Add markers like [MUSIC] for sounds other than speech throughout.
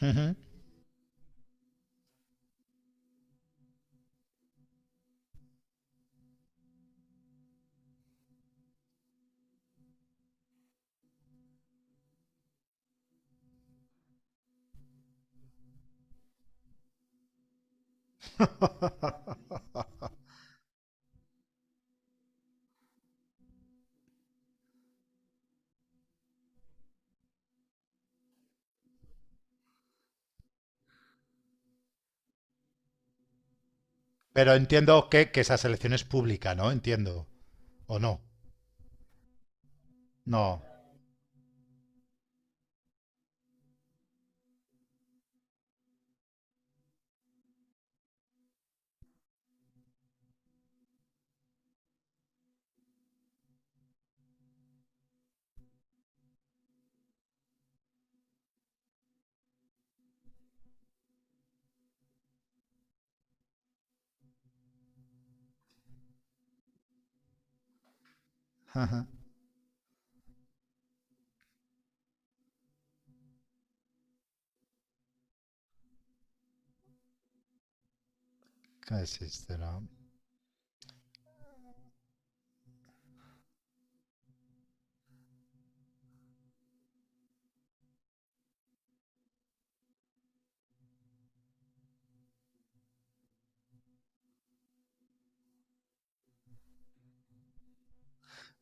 Uh [LAUGHS] Pero entiendo esa selección es pública, ¿no? Entiendo. ¿O no? No. Ajá. ¿Qué es esto, no?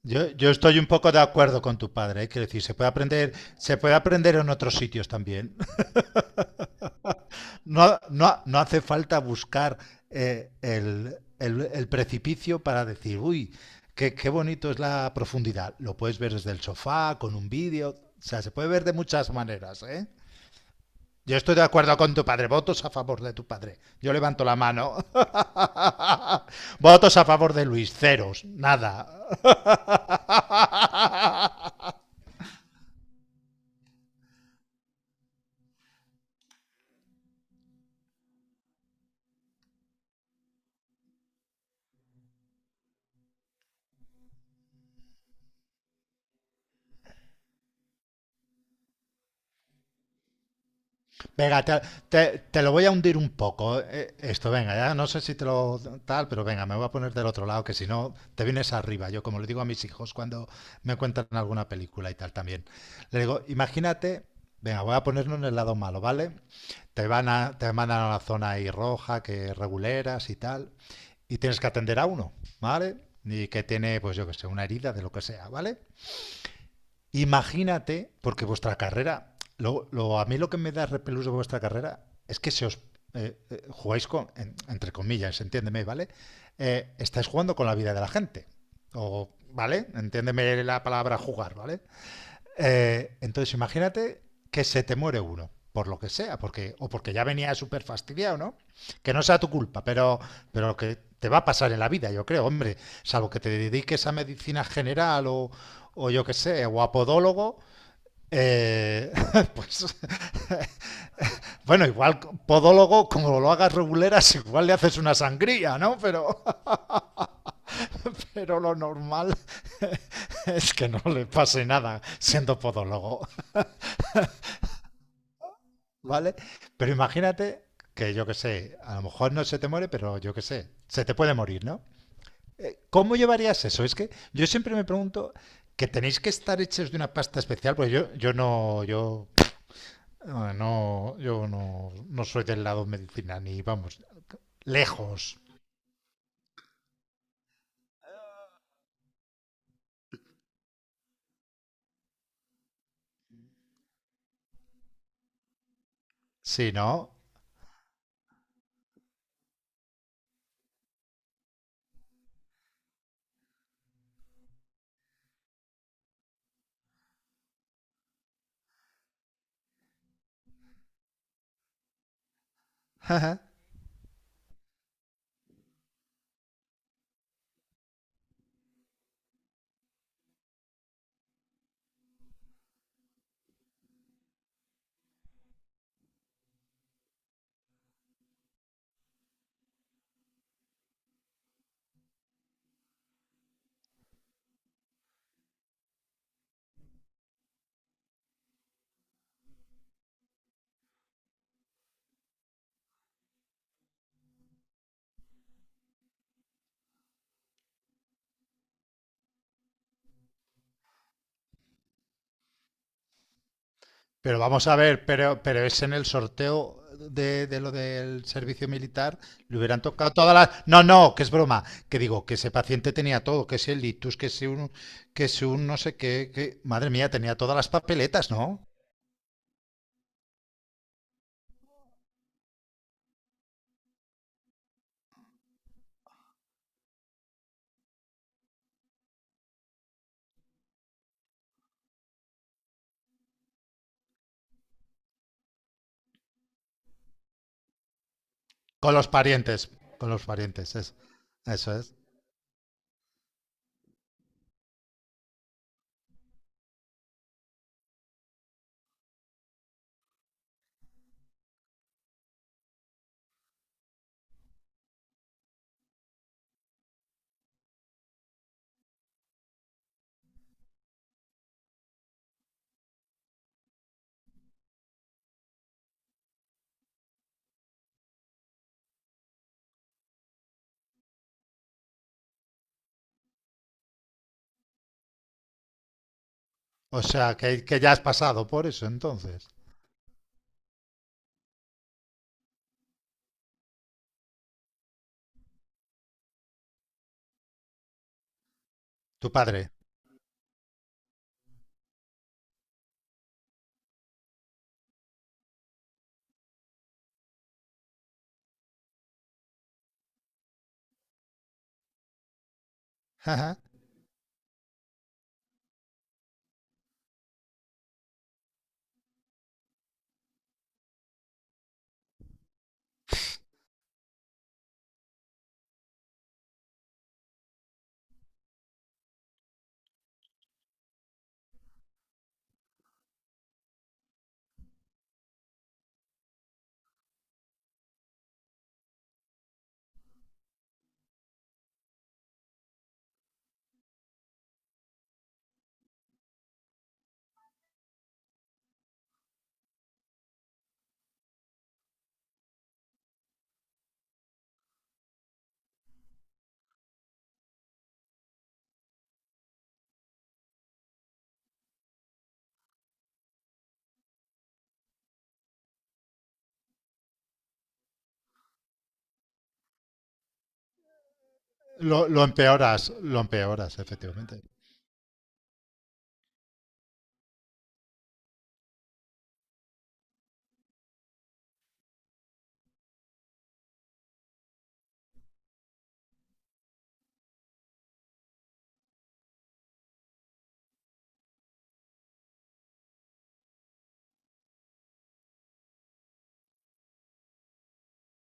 Estoy un poco de acuerdo con tu padre, ¿eh? Quiero decir, se puede aprender en otros sitios también. [LAUGHS] No, no, no hace falta buscar el precipicio para decir, uy, qué bonito es la profundidad. Lo puedes ver desde el sofá, con un vídeo, o sea, se puede ver de muchas maneras, ¿eh? Yo estoy de acuerdo con tu padre. Votos a favor de tu padre. Yo levanto la mano. [LAUGHS] Votos a favor de Luis. Ceros. Nada. [LAUGHS] Venga, te lo voy a hundir un poco. Esto, venga, ya no sé si te lo tal, pero venga, me voy a poner del otro lado, que si no, te vienes arriba. Yo, como le digo a mis hijos cuando me cuentan alguna película y tal también, le digo, imagínate, venga, voy a ponernos en el lado malo, ¿vale? Te mandan a la zona ahí roja, que reguleras y tal, y tienes que atender a uno, ¿vale? Y que tiene, pues yo que sé, una herida de lo que sea, ¿vale? Imagínate, porque vuestra carrera, a mí lo que me da repelús de vuestra carrera es que se os jugáis con, entre comillas, entiéndeme, ¿vale? Estáis jugando con la vida de la gente. O, ¿vale? Entiéndeme la palabra jugar, ¿vale? Entonces, imagínate que se te muere uno, por lo que sea, porque, o porque ya venía súper fastidiado, ¿no? Que no sea tu culpa, pero que te va a pasar en la vida, yo creo, hombre, salvo que te dediques a medicina general o yo qué sé, o a podólogo. eh, [LAUGHS] pues [LAUGHS] bueno, igual podólogo, como lo hagas reguleras, igual le haces una sangría, ¿no? Pero, [LAUGHS] pero lo normal [LAUGHS] es que no le pase nada siendo podólogo. ¿Vale? Pero imagínate que yo que sé, a lo mejor no se te muere, pero yo que sé, se te puede morir, ¿no? ¿Cómo llevarías eso? Es que yo siempre me pregunto que tenéis que estar hechos de una pasta especial, porque yo no, no soy del lado medicina, ni vamos, lejos. Sí, ¿no? [LAUGHS] Pero vamos a ver, pero es en el sorteo de lo del servicio militar, le hubieran tocado todas las... No, no, que es broma, que digo, que ese paciente tenía todo, que si el litus, que si un no sé qué, que... Madre mía, tenía todas las papeletas, ¿no? Con los parientes, con los parientes, es, eso es. O sea, que ya has pasado por eso entonces, tu padre. [LAUGHS] Ajá. Lo empeoras, efectivamente.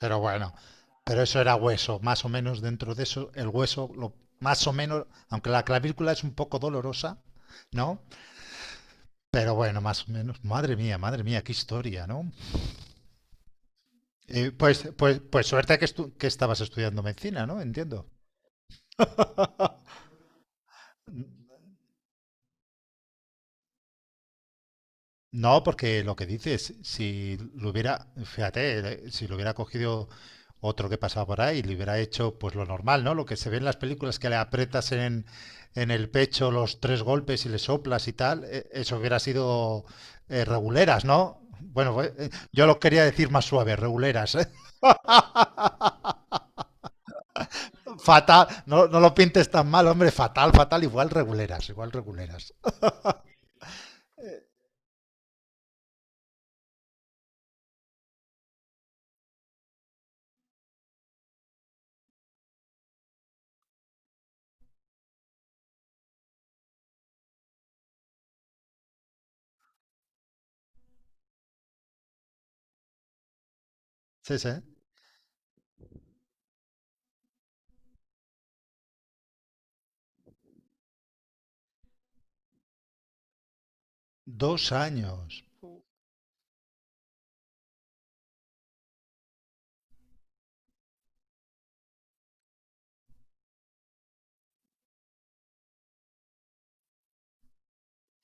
Pero bueno, pero eso era hueso, más o menos dentro de eso, el hueso, lo, más o menos, aunque la clavícula es un poco dolorosa, ¿no? Pero bueno, más o menos, madre mía, qué historia, ¿no? Pues suerte que, estu que estabas estudiando medicina, ¿no? Entiendo. [LAUGHS] No, porque lo que dices, si lo hubiera, fíjate, si lo hubiera cogido otro que pasaba por ahí y le hubiera hecho pues lo normal, ¿no? Lo que se ve en las películas que le aprietas en el pecho los tres golpes y le soplas y tal, eso hubiera sido reguleras, ¿no? Bueno, pues, yo lo quería decir más suave, reguleras. ¿Eh? [LAUGHS] Fatal, no, no lo pintes tan mal, hombre, fatal, fatal, igual reguleras, igual reguleras. Sí, sí. Dos años.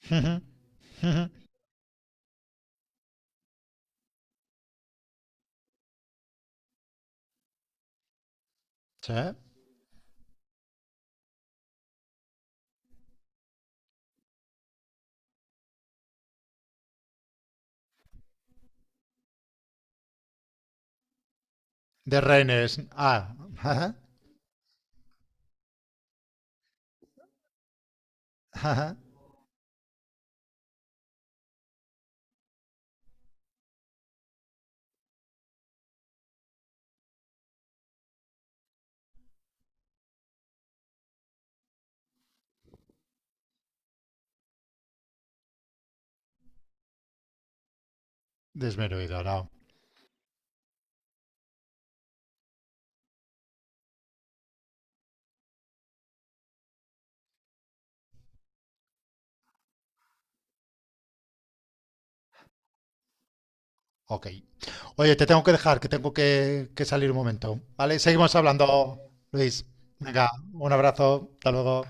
[LAUGHS] Sí. De rehenes. Ah. [LAUGHS] Desmenudo, no. Ok. Oye, te tengo que dejar, que tengo que salir un momento. ¿Vale? Seguimos hablando, Luis. Venga, un abrazo. Hasta luego.